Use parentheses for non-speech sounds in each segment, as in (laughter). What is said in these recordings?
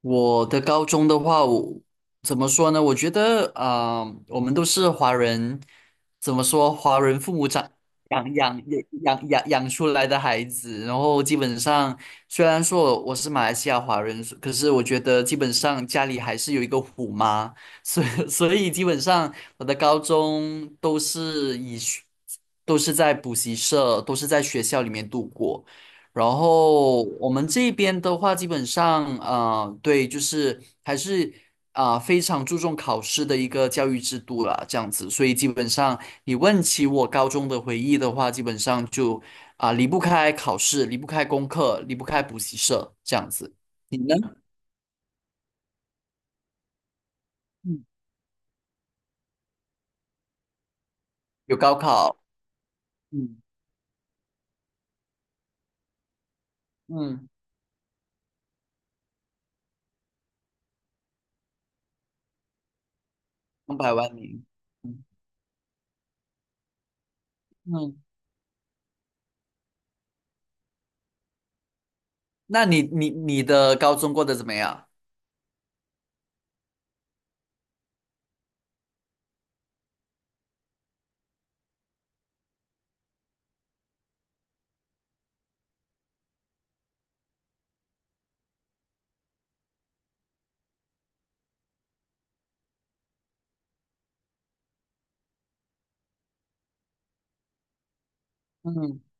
我的高中的话，我怎么说呢？我觉得我们都是华人，怎么说？华人父母长养养养出来的孩子，然后基本上虽然说我是马来西亚华人，可是我觉得基本上家里还是有一个虎妈，所以 (laughs) 所以基本上我的高中都是在补习社，都是在学校里面度过。然后我们这边的话，基本上对，就是还是非常注重考试的一个教育制度啦，这样子。所以基本上，你问起我高中的回忆的话，基本上就离不开考试，离不开功课，离不开补习社这样子。你呢？嗯，有高考，嗯嗯，200万名，嗯嗯，那你的高中过得怎么样？嗯。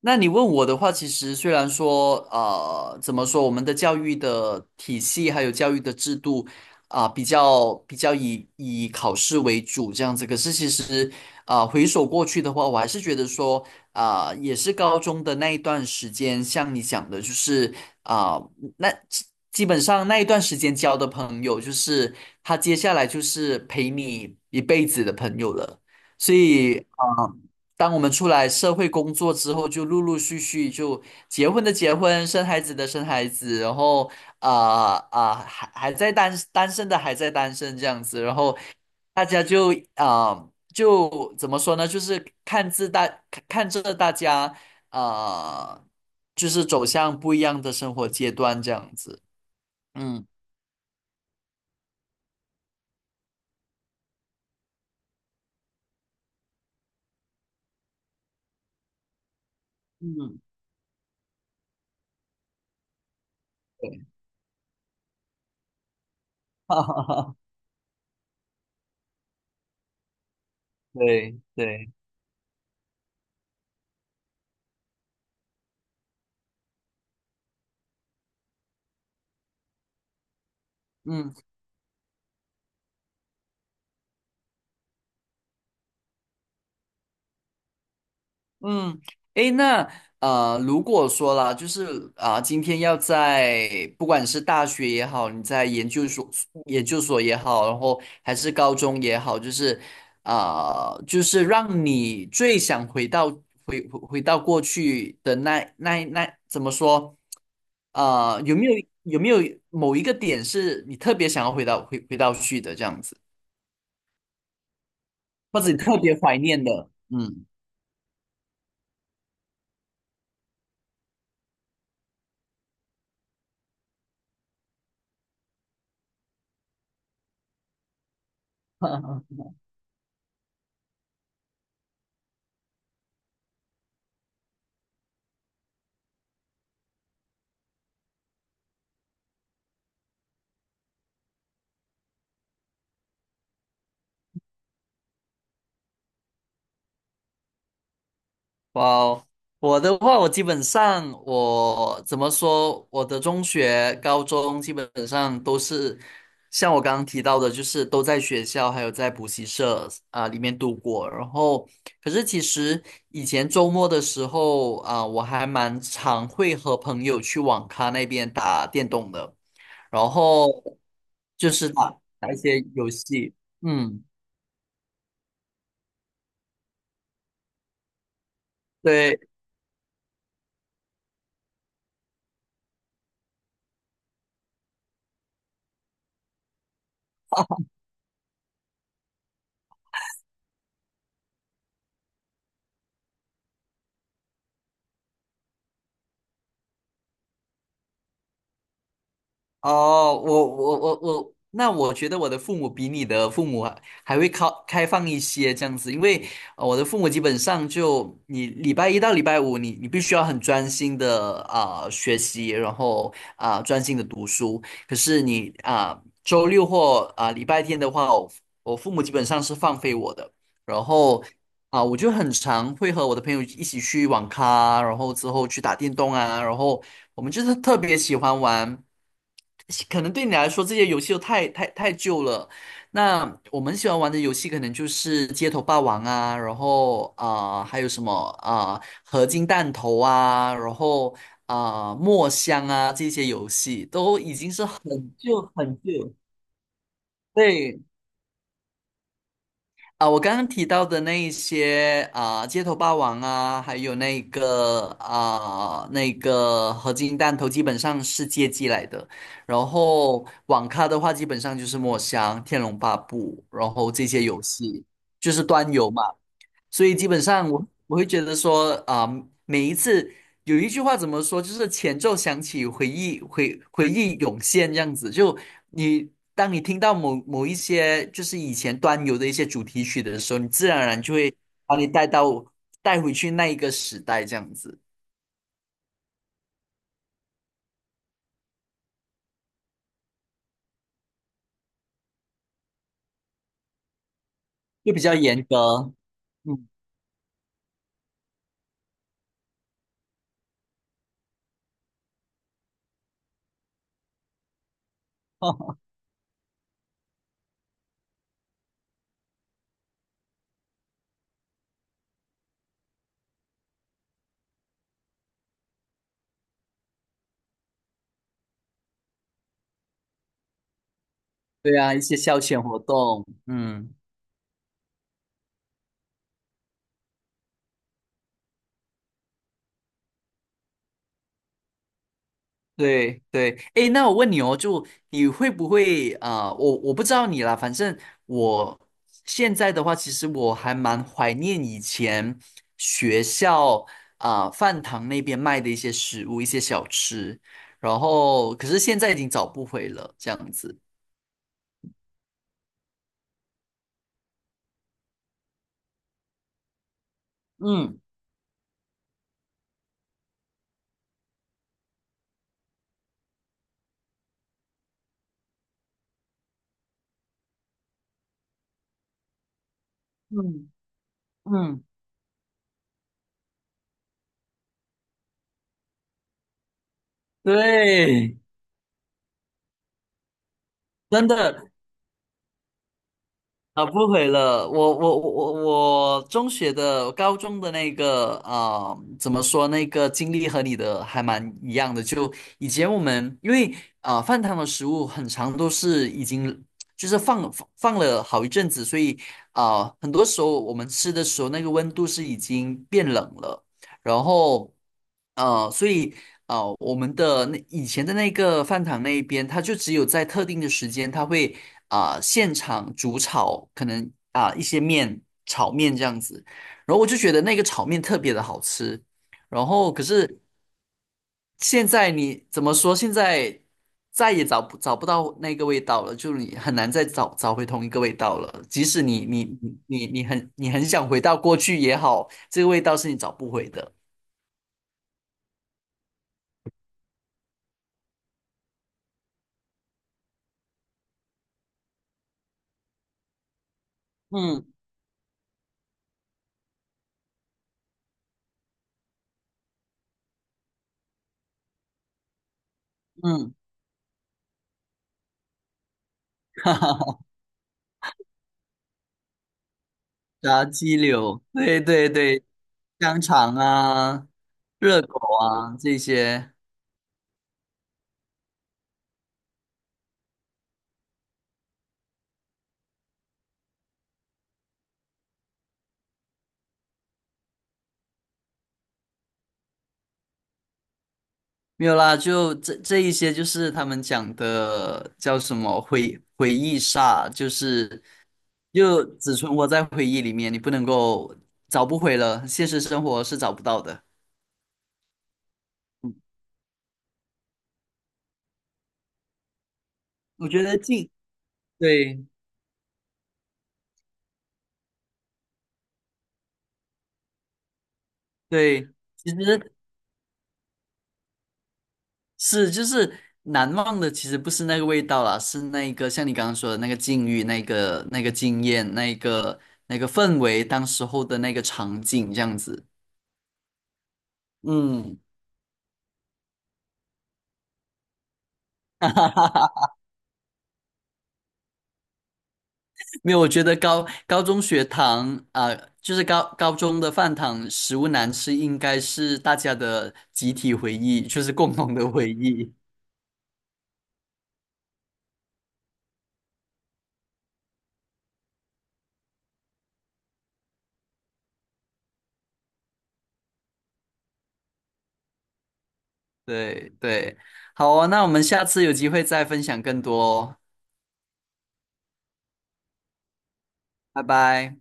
那你问我的话，其实虽然说，呃，怎么说，我们的教育的体系还有教育的制度比较以考试为主这样子，可是其实回首过去的话，我还是觉得说，也是高中的那一段时间，像你讲的，就是啊、那基基本上那一段时间交的朋友，就是他接下来就是陪你一辈子的朋友了，所以。啊。当我们出来社会工作之后，就陆陆续续就结婚的结婚，生孩子的生孩子，然后还在单身这样子，然后大家就就怎么说呢？就是看着大家啊、就是走向不一样的生活阶段这样子。嗯嗯，对，(laughs) 哈哈哈，对对，嗯。嗯，诶，那如果说啦，就是今天要在不管是大学也好，你在研究所、研究所也好，然后还是高中也好，就是就是让你最想回到过去的那怎么说？啊、有没有有没有某一个点是你特别想要回到去的这样子，或者你特别怀念的？嗯 (laughs) 哇哦，我的话，我基本上我怎么说，我的中学、高中基本上都是像我刚刚提到的，就是都在学校还有在补习社里面度过。然后，可是其实以前周末的时候我还蛮常会和朋友去网咖那边打电动的，然后就是打一些游戏，嗯。对，哦，我我我我，那我觉得我的父母比你的父母还会开放一些这样子，因为我的父母基本上就你礼拜一到礼拜五你，你必须要很专心的学习，然后专心的读书。可是你周六或礼拜天的话，我父母基本上是放飞我的，然后。啊，我就很常会和我的朋友一起去网咖，然后之后去打电动啊，然后我们就是特别喜欢玩。可能对你来说这些游戏都太旧了。那我们喜欢玩的游戏可能就是街头霸王啊，然后还有什么合金弹头啊，然后墨香啊这些游戏都已经是很旧很旧。对，啊，我刚刚提到的那一些啊，街头霸王啊，还有那个啊，那个合金弹头，基本上是街机来的。然后网咖的话，基本上就是墨香、天龙八部，然后这些游戏就是端游嘛。所以基本上我会觉得说每一次有一句话怎么说，就是前奏响起，回忆涌现这样子。就你当你听到某一些就是以前端游的一些主题曲的时候，你自然而然就会把你带到带回去那一个时代这样子，就比较严格。嗯，(laughs) 对啊，一些消遣活动，嗯。对对，哎，那我问你哦，就你会不会我不知道你啦，反正我现在的话，其实我还蛮怀念以前学校饭堂那边卖的一些食物、一些小吃，然后可是现在已经找不回了，这样子。嗯嗯嗯，对，真的，啊，不回了。我中学的、高中的那个怎么说那个经历和你的还蛮一样的。就以前我们因为饭堂的食物很长都是已经就是放了好一阵子，所以很多时候我们吃的时候那个温度是已经变冷了，然后。所以我们的那以前的那个饭堂那一边，它就只有在特定的时间，它会现场煮炒，可能一些炒面这样子。然后我就觉得那个炒面特别的好吃。然后可是现在你怎么说？现在再也找不到那个味道了，就是你很难再找回同一个味道了。即使你很想回到过去也好，这个味道是你找不回的。嗯嗯，(laughs) 哈哈。炸鸡柳，对对对，香肠啊，热狗啊这些，没有啦，就这一些就是他们讲的叫什么回忆杀，就是就只存活在回忆里面，你不能够找不回了，现实生活是找不到的。我觉得近，对对，其实是，就是难忘的，其实不是那个味道啦，是那一个像你刚刚说的那个境遇、那个经验、那个氛围，当时候的那个场景这样子。嗯，没有，我觉得高中学堂就是高中的饭堂食物难吃，应该是大家的集体回忆，就是共同的回忆。对对，好哦，那我们下次有机会再分享更多哦，拜拜。